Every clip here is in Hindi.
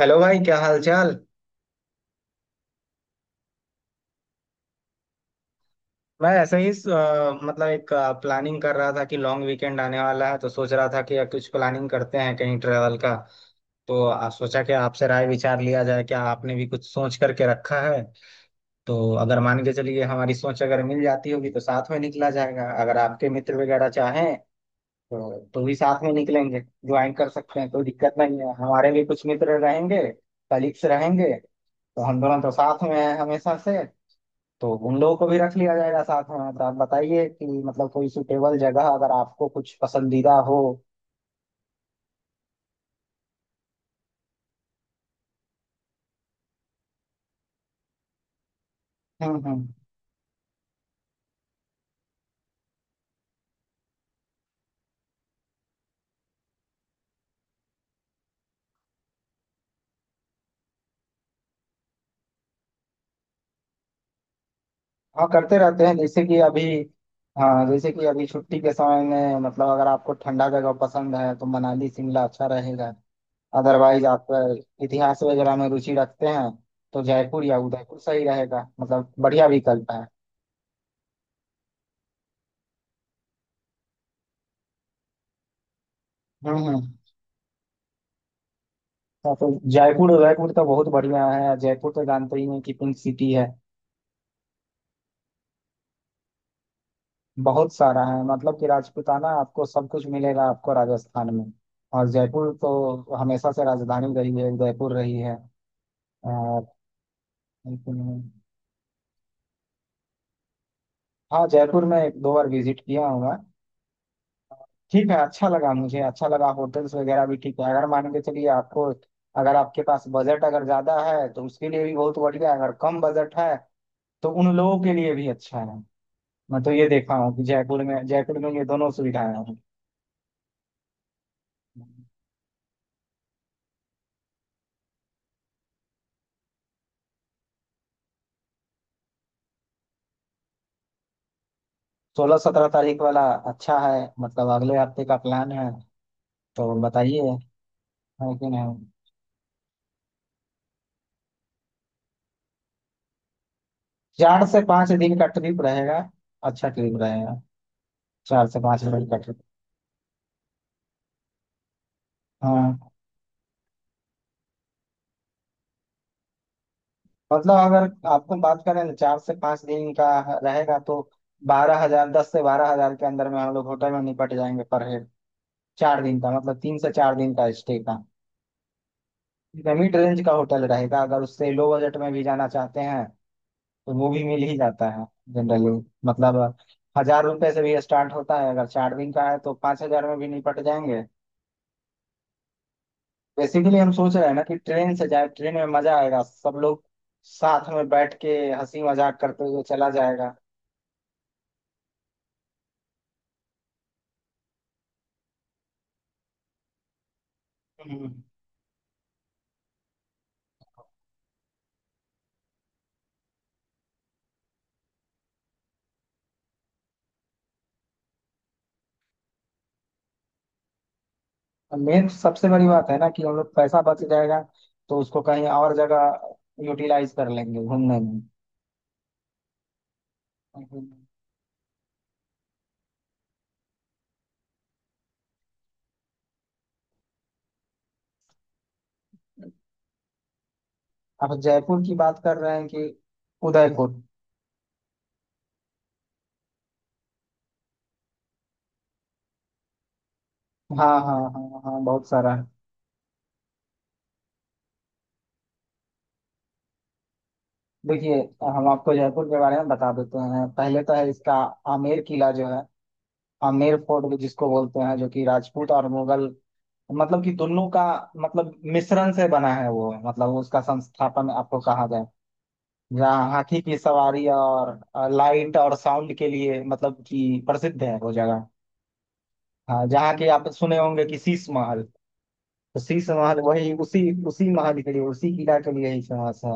हेलो भाई। क्या हाल चाल। मैं ऐसे ही मतलब एक प्लानिंग कर रहा था कि लॉन्ग वीकेंड आने वाला है तो सोच रहा था कि अब कुछ प्लानिंग करते हैं कहीं ट्रेवल का। तो सोचा कि आपसे राय विचार लिया जाए, क्या आपने भी कुछ सोच करके रखा है। तो अगर मान के चलिए हमारी सोच अगर मिल जाती होगी तो साथ में निकला जाएगा। अगर आपके मित्र वगैरह चाहें तो भी साथ में निकलेंगे, ज्वाइन कर सकते हैं, कोई दिक्कत नहीं है। हमारे भी कुछ मित्र रहेंगे, कलीग्स रहेंगे। तो हम दोनों तो साथ में हैं हमेशा से। तो उन लोगों को भी रख लिया जाएगा साथ में। तो आप बताइए कि मतलब कोई सुटेबल जगह अगर आपको कुछ पसंदीदा हो। हम्म। हाँ करते रहते हैं, जैसे कि अभी। हाँ, जैसे कि अभी छुट्टी के समय में मतलब अगर आपको ठंडा जगह पसंद है तो मनाली शिमला अच्छा रहेगा। अदरवाइज आप इतिहास वगैरह में रुचि रखते हैं तो जयपुर या उदयपुर सही रहेगा, मतलब बढ़िया विकल्प है। हम्म। हाँ, तो जयपुर उदयपुर तो बहुत बढ़िया है। जयपुर तो जानते ही हैं कि पिंक सिटी है। बहुत सारा है, मतलब कि राजपूताना आपको सब कुछ मिलेगा आपको राजस्थान में। और जयपुर तो हमेशा से राजधानी रही है, जयपुर रही है। और लेकिन- हाँ, जयपुर में एक दो बार विजिट किया हूँ मैं। ठीक है, अच्छा लगा मुझे, अच्छा लगा। होटल्स वगैरह भी ठीक है, अगर मान के चलिए आपको, अगर आपके पास बजट अगर ज्यादा है तो उसके लिए भी बहुत बढ़िया है। अगर कम बजट है तो उन लोगों के लिए भी अच्छा है। मैं तो ये देखा हूँ कि जयपुर में ये दोनों सुविधाएं हैं। 16-17 तारीख वाला अच्छा है, मतलब अगले हफ्ते का प्लान है। तो बताइए है कि नहीं। 4 से 5 दिन का ट्रिप रहेगा, अच्छा ट्रिप रहेगा, 4 से 5 दिन का ट्रिप। हाँ। मतलब अगर आपको बात करें ना, 4 से 5 दिन का रहेगा तो 12,000, 10 से 12,000 के अंदर में हम लोग होटल में निपट जाएंगे पर हेड, 4 दिन का, मतलब 3 से 4 दिन का स्टे का। मिड रेंज का होटल रहेगा। अगर उससे लो बजट में भी जाना चाहते हैं तो वो भी मिल ही जाता है जनरली। मतलब 1,000 रुपए से भी स्टार्ट होता है। अगर 4 दिन का है तो 5,000 में भी निपट जाएंगे। बेसिकली हम सोच रहे हैं ना कि ट्रेन से जाए, ट्रेन में मजा आएगा, सब लोग साथ में बैठ के हंसी मजाक करते हुए चला जाएगा। मेन सबसे बड़ी बात है ना कि हम लोग पैसा बच जाएगा, तो उसको कहीं और जगह यूटिलाइज कर लेंगे घूमने में। आप जयपुर की बात कर रहे हैं कि उदयपुर? हाँ हाँ हाँ हाँ बहुत सारा है। देखिए, हम आपको जयपुर के बारे में बता देते हैं। पहले तो है इसका आमेर किला जो है, आमेर फोर्ट भी जिसको बोलते हैं, जो कि राजपूत और मुगल मतलब कि दोनों का मतलब मिश्रण से बना है वो, मतलब उसका संस्थापन आपको कहा जाए। जहाँ हाथी की सवारी और लाइट और साउंड के लिए मतलब कि प्रसिद्ध है वो जगह। हाँ, जहाँ की आप सुने होंगे कि शीश महल, उसी समाज वही उसी उसी महाल के लिए, उसी किला के लिए ही फेमस है।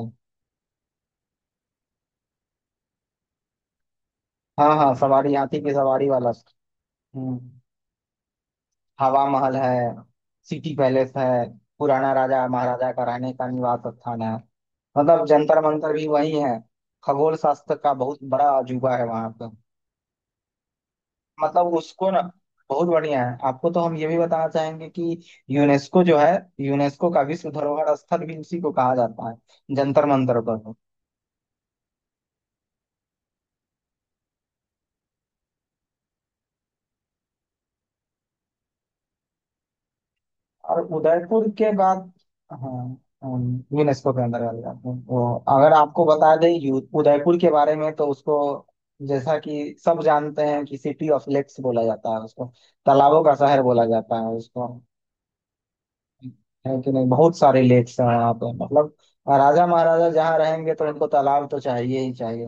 हाँ हाँ, सवारी हाथी की सवारी वाला। हम्म। हवा महल है, सिटी पैलेस है, पुराना राजा महाराजा का रहने का निवास स्थान है। मतलब जंतर मंतर भी वही है, खगोल शास्त्र का बहुत बड़ा अजूबा है वहां पर। मतलब उसको ना बहुत बढ़िया है। आपको तो हम ये भी बताना चाहेंगे कि यूनेस्को जो है, यूनेस्को का विश्व धरोहर स्थल भी उसी को कहा जाता है, जंतर मंतर पर। और उदयपुर के बाद, हाँ। यूनेस्को के अंदर वाली बात है। वो अगर आपको बता दें उदयपुर के बारे में, तो उसको जैसा कि सब जानते हैं कि सिटी ऑफ लेक्स बोला जाता है उसको, तालाबों का शहर बोला जाता है उसको। है कि नहीं बहुत सारे लेक्स हैं यहाँ पे, मतलब राजा महाराजा जहाँ रहेंगे तो उनको तालाब तो चाहिए ही चाहिए।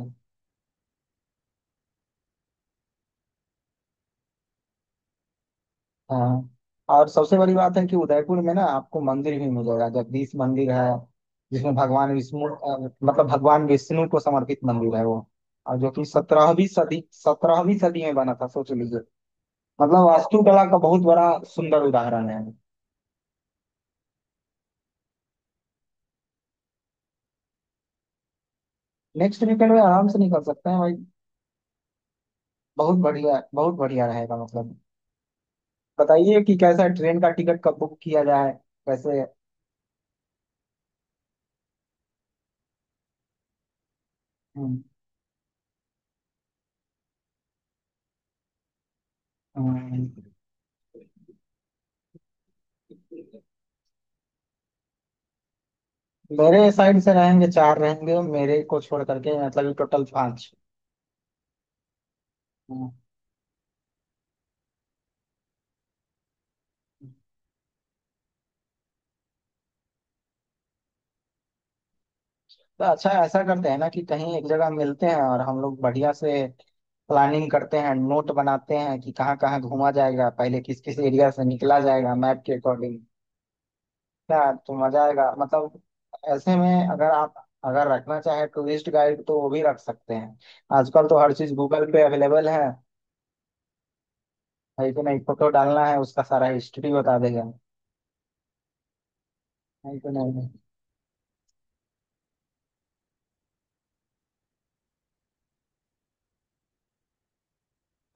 हाँ। और सबसे बड़ी बात है कि उदयपुर में ना आपको मंदिर भी मिलेगा, जगदीश मंदिर है, जिसमें भगवान विष्णु मतलब भगवान विष्णु को समर्पित मंदिर है वो। और जो कि सत्रहवीं सदी में बना था, सोच लीजिए, मतलब वास्तुकला का बहुत बड़ा सुंदर उदाहरण है। नेक्स्ट वीकेंड में आराम से निकल सकते हैं भाई, बहुत बढ़िया, बहुत बढ़िया रहेगा। मतलब बताइए कि कैसा ट्रेन का टिकट कब बुक किया जाए, कैसे। हम्म, हम्म। मेरे साइड से रहेंगे, चार रहेंगे मेरे को छोड़ करके, मतलब टोटल पांच। हाँ। तो अच्छा, ऐसा करते हैं ना कि कहीं एक जगह मिलते हैं और हम लोग बढ़िया से प्लानिंग करते हैं, नोट बनाते हैं कि कहाँ कहाँ घूमा जाएगा, पहले किस किस एरिया से निकला जाएगा मैप के अकॉर्डिंग। क्या तो मजा आएगा, मतलब ऐसे में अगर आप, अगर रखना चाहे टूरिस्ट गाइड, तो वो भी रख सकते हैं। आजकल तो हर चीज गूगल पे अवेलेबल है कि नहीं? फोटो डालना है, उसका सारा हिस्ट्री बता देगा, है कि नहीं?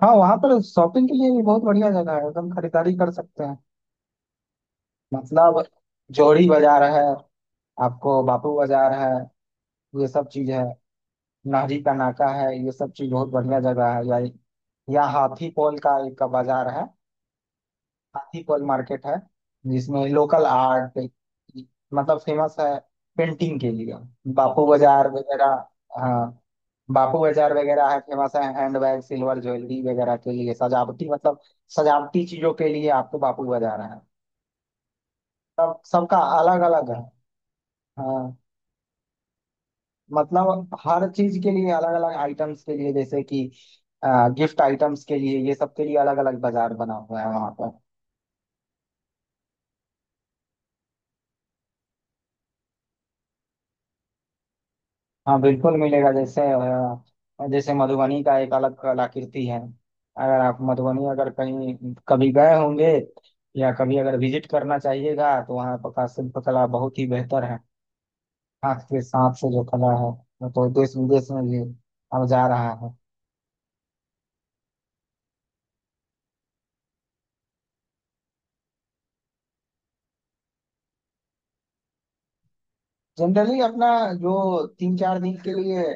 हाँ, वहां पर शॉपिंग के लिए भी बहुत बढ़िया जगह है, एकदम खरीदारी कर सकते हैं। मतलब जोड़ी बाजार है, आपको बापू बाजार है, ये सब चीज है, नहरी का नाका है, ये सब चीज बहुत बढ़िया जगह है, या हाथी पोल का एक बाजार है, हाथी पोल मार्केट है, जिसमें लोकल आर्ट मतलब फेमस है, पेंटिंग के लिए बापू बाजार वगैरह। हाँ, बापू बाजार वगैरह है, फेमस है हैंडबैग, सिल्वर ज्वेलरी वगैरह के लिए, सजावटी मतलब सजावटी चीजों के लिए आपको बापू बाजार है। सब सबका अलग अलग है। हाँ, मतलब हर चीज के लिए, अलग अलग आइटम्स के लिए, जैसे कि गिफ्ट आइटम्स के लिए, ये सब के लिए अलग अलग बाजार बना हुआ है वहाँ। हाँ बिल्कुल मिलेगा। जैसे मधुबनी का एक अलग कलाकृति है, अगर आप मधुबनी अगर कहीं कभी गए होंगे या कभी अगर विजिट करना चाहिएगा, तो वहाँ पर का शिल्प कला बहुत ही बेहतर है। हाथ के सांप से जो कला है, वो तो देश विदेश में भी अब जा रहा है। जनरली अपना जो 3-4 दिन के लिए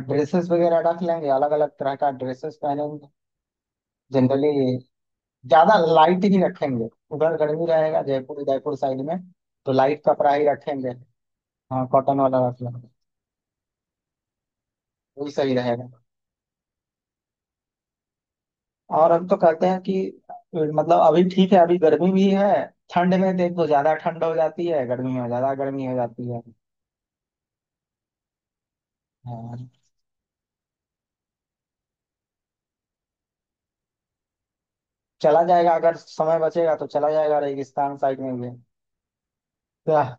ड्रेसेस वगैरह रख लेंगे, अलग अलग तरह का ड्रेसेस पहनेंगे जनरली। ज्यादा लाइट ही रखेंगे, उधर गर्मी रहेगा जयपुर उदयपुर साइड में, तो लाइट कपड़ा ही रखेंगे। हाँ कॉटन वाला रख लेंगे, वही सही रहेगा। और हम तो कहते हैं कि मतलब अभी ठीक है, अभी गर्मी भी है, ठंड में देख तो ज्यादा ठंड हो जाती है, गर्मी में ज्यादा गर्मी हो जाती है। हाँ चला जाएगा, अगर समय बचेगा तो चला जाएगा रेगिस्तान साइड में भी। तो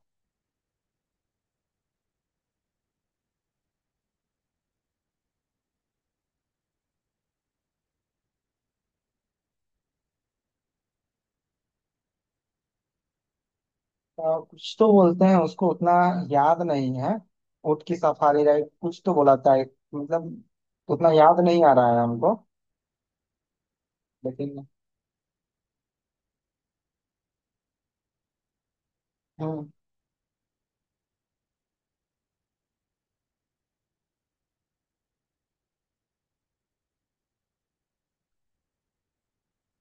कुछ तो बोलते हैं उसको, उतना याद नहीं है। ऊँट की सफारी राइड कुछ तो बोला था मतलब उतना याद नहीं आ रहा है हमको, लेकिन हम्म,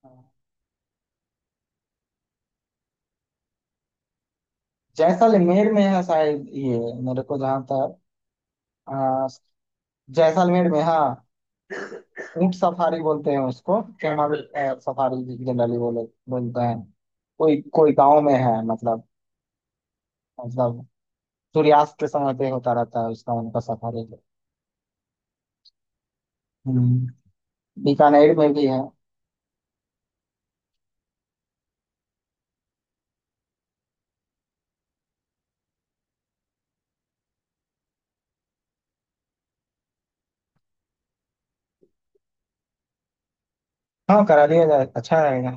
हाँ। जैसलमेर में है शायद ये, मेरे को जहाँ तक अ, जैसलमेर में, हाँ। ऊंट सफारी बोलते हैं उसको, कैमल सफारी जनरली बोले बोलते हैं। कोई कोई गांव में है, मतलब सूर्यास्त के समय पे होता रहता है उसका उनका सफारी। हम्म, बीकानेर में भी है। हाँ करा दिया जाए, अच्छा रहेगा।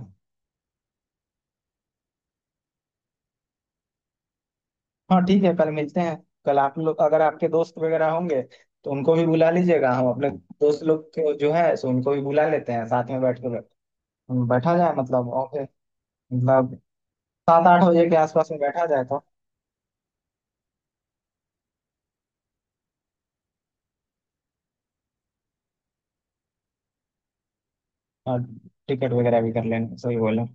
हाँ ठीक है, कल मिलते हैं। कल आप लोग अगर आपके दोस्त वगैरह होंगे तो उनको भी बुला लीजिएगा, हम अपने दोस्त लोग को जो है सो उनको भी बुला लेते हैं साथ में बैठ के। बैठा जाए, मतलब ओके। मतलब 7-8 बजे के आसपास में बैठा जाए तो। और टिकट वगैरह भी कर लेंगे, सही बोले।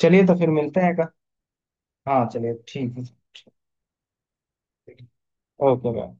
चलिए, तो फिर मिलते हैं का। हाँ चलिए ठीक है। Okay bye.